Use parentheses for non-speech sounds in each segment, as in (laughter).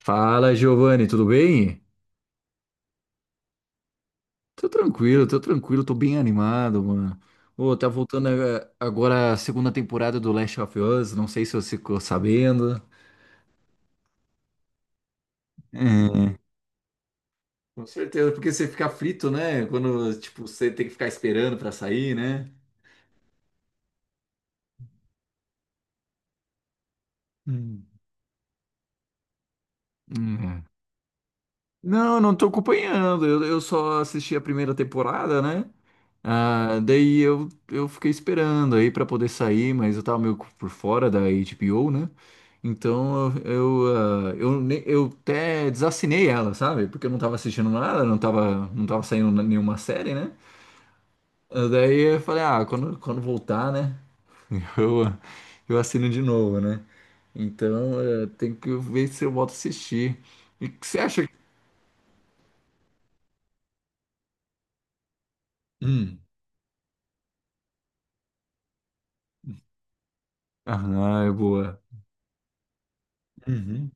Fala, Giovanni, tudo bem? Tô tranquilo, tô tranquilo, tô bem animado, mano. Ô, tá voltando agora a segunda temporada do Last of Us, não sei se você ficou sabendo. É. Com certeza, porque você fica frito, né? Quando, tipo, você tem que ficar esperando pra sair, né? Hum. Hum. Não, não tô acompanhando, eu só assisti a primeira temporada, né? Ah, daí eu fiquei esperando aí pra poder sair, mas eu tava meio por fora da HBO, né? Então eu, ah, eu, ne- eu até desassinei ela, sabe? Porque eu não tava assistindo nada, não tava saindo nenhuma série, né? Ah, daí eu falei, ah, quando voltar, né? (laughs) Eu, eu assino de novo, né? Então tem que ver se eu volto a assistir. E o que você acha? Hum. Ah, é boa. Uhum.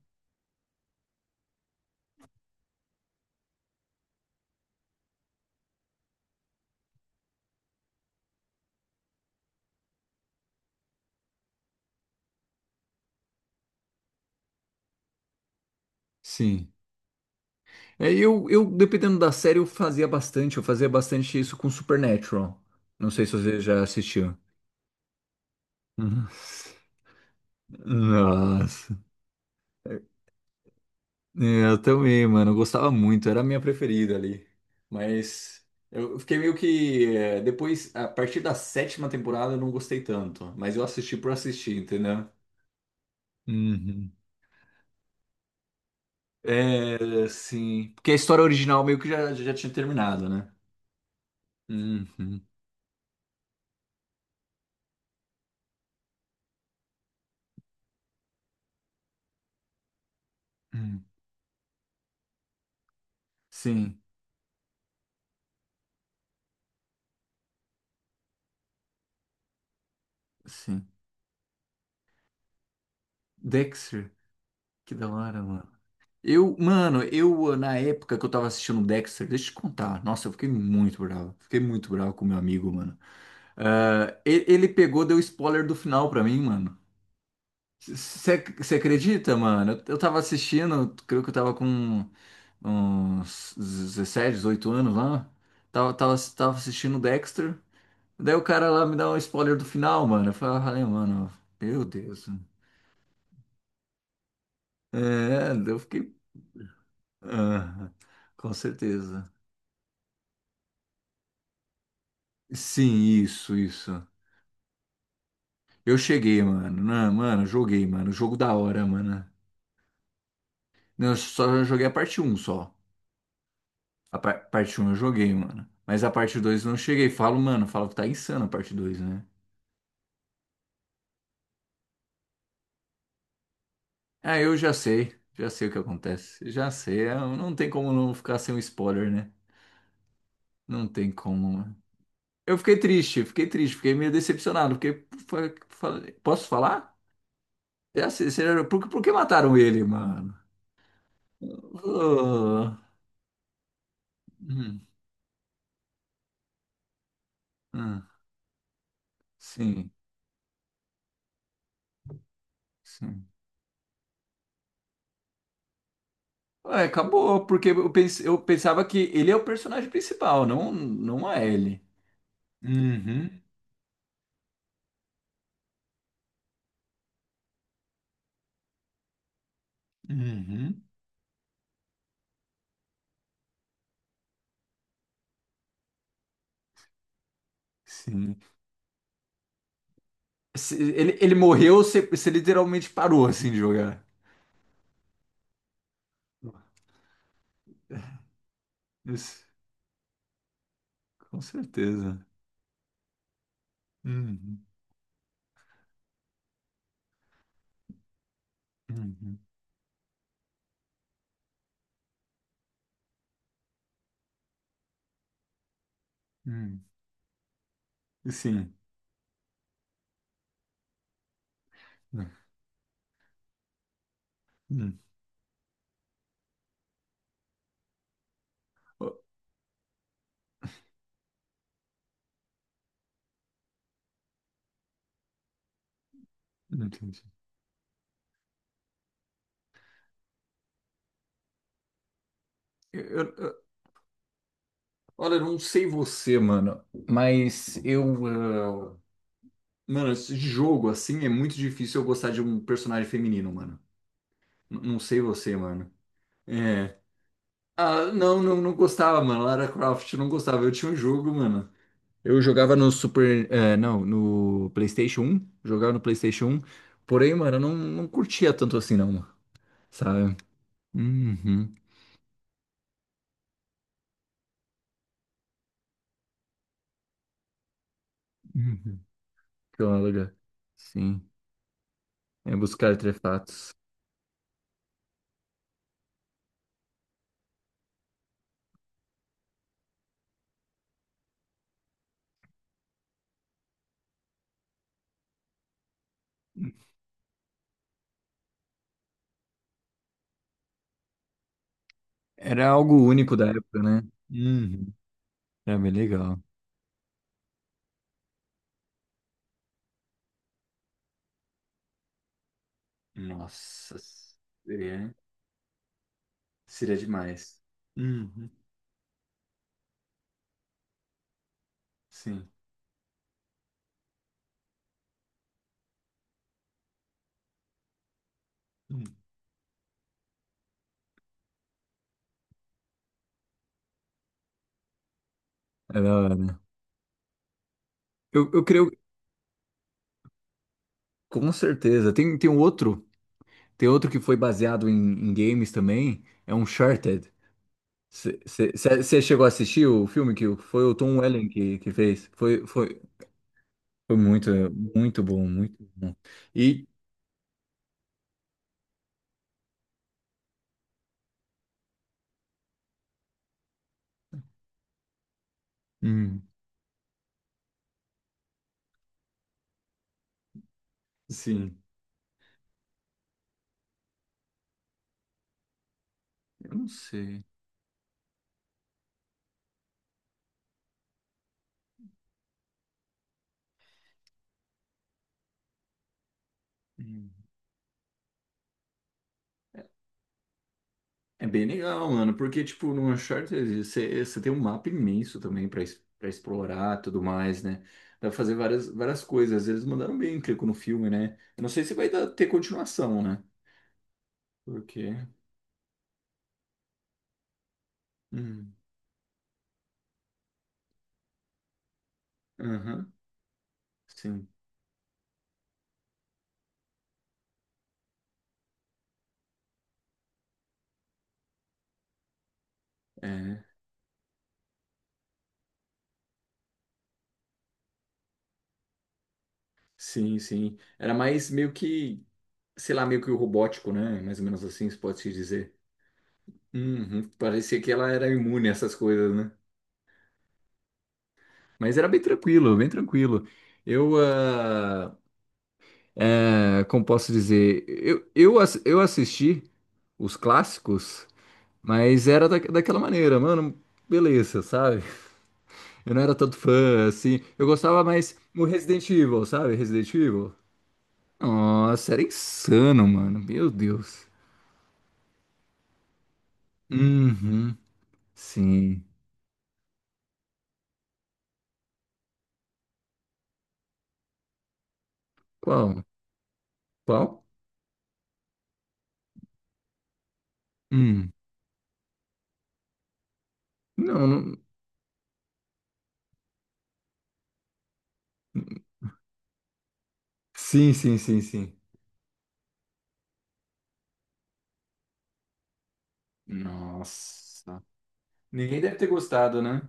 Sim. É, eu, dependendo da série, eu fazia bastante. Eu fazia bastante isso com Supernatural. Não sei se você já assistiu. (laughs) Uhum. Nossa. É, eu também, mano. Eu gostava muito. Era a minha preferida ali. Mas eu fiquei meio que. Depois, a partir da sétima temporada, eu não gostei tanto. Mas eu assisti por assistir, entendeu? Uhum. É, sim. Porque a história original meio que já tinha terminado, né? Uhum. Uhum. Sim, sim. Dexter. Que da hora, mano. Eu, na época que eu tava assistindo o Dexter, deixa eu te contar. Nossa, eu fiquei muito bravo. Fiquei muito bravo com meu amigo, mano. Ah, ele pegou, deu spoiler do final pra mim, mano. Você acredita, mano? Eu tava assistindo, creio que eu tava com uns 17, 18 anos lá. Tava assistindo o Dexter. Daí o cara lá me dá um spoiler do final, mano. Eu falei, ah, mano, meu Deus. É, daí eu fiquei. Aham, com certeza. Sim, isso, isso. Eu cheguei, mano. Não, mano, joguei, mano. Jogo da hora, mano. Não, eu só joguei a parte um só. A parte um eu joguei, mano. Mas a parte 2 eu não cheguei. Falo, mano, falo que tá insano a parte dois, né? Ah, eu já sei. Já sei o que acontece. Já sei. Não tem como não ficar sem um spoiler, né? Não tem como, mano. Eu fiquei triste, fiquei triste, fiquei meio decepcionado. Porque. Posso falar? É assim, por que mataram ele, mano? Oh, hum, hum, Sim. Sim. Ué, acabou, porque eu pensava que ele é o personagem principal, não, não a Ellie. Uhum, uhum. Sim. Ele morreu, você literalmente parou assim de jogar. Isso, com certeza. Uhum, uhum, uhum, Sim. Uhum. Ó, entendi. Eu, eu- eu- olha, eu não sei você, mano, mas eh, Mano, esse jogo assim é muito difícil eu gostar de um personagem feminino, mano. Não sei você, mano. É. Ah, não, não, não gostava, mano. Lara Croft não gostava. Eu tinha um jogo, mano. Eu jogava no Super. Não, no PlayStation 1. Jogava no PlayStation 1. Porém, mano, eu não curtia tanto assim, não, mano. Sabe? Uhum. Uhum. Claro, cara. Sim. É buscar artefatos. Era algo único da época, né? Uhum. Era bem legal. Nossa, seria, seria demais. Uhum. Sim. Hum. É da hora. Eu creio, com certeza. Tem um outro, tem outro que foi baseado em games também, é um Uncharted. Você chegou a assistir o filme que foi o Tom Welling que fez? Foi muito, muito bom, muito bom. E, hum, sim, eu não sei. Hum. É bem legal, mano, porque, tipo, no Uncharted você tem um mapa imenso também pra pra explorar e tudo mais, né? Dá pra fazer várias, várias coisas. Eles mandaram bem, clico no filme, né? Eu não sei se vai ter continuação, né? Porque. Hum. Aham. Sim. É. Sim, sim. Era mais meio que, sei lá, meio que o robótico, né? Mais ou menos assim, se pode se dizer. Uhum. Parecia que ela era imune a essas coisas, né? Mas era bem tranquilo, bem tranquilo. Eu. É, como posso dizer, eu assisti os clássicos, mas era daquela maneira, mano, beleza, sabe? Eu não era tanto fã, assim, eu gostava mais do Resident Evil, sabe? Resident Evil. Nossa, era insano, mano, meu Deus. Uhum, sim. Qual? Qual? Hum. Não, não. Sim, sim, sim, sim. Nossa. Ninguém deve ter gostado, né?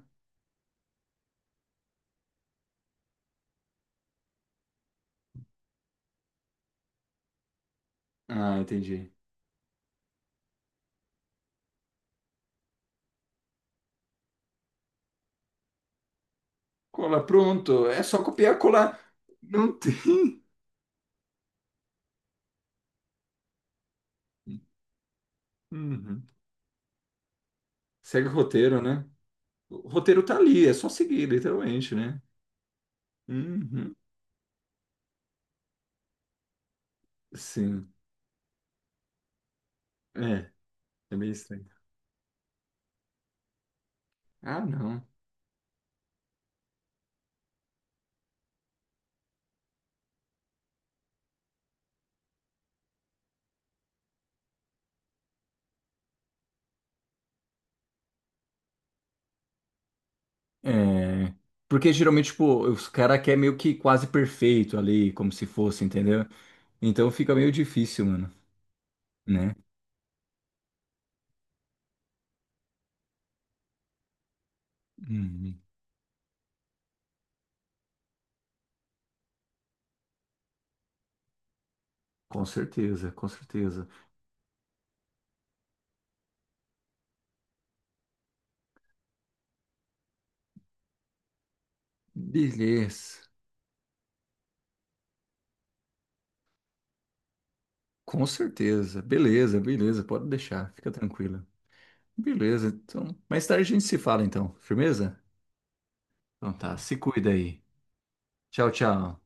Ah, entendi. Cola, pronto. É só copiar e colar. Não tem. Uhum. Segue o roteiro, né? O roteiro tá ali, é só seguir, literalmente, né? Uhum. Sim. É, é meio estranho. Ah, não. É, porque geralmente, tipo, os caras querem meio que quase perfeito ali, como se fosse, entendeu? Então fica meio difícil, mano, né? Uhum. Com certeza, com certeza. Beleza. Com certeza. Beleza, beleza. Pode deixar. Fica tranquila. Beleza, então. Mais tarde a gente se fala, então. Firmeza? Então tá, se cuida aí. Tchau, tchau.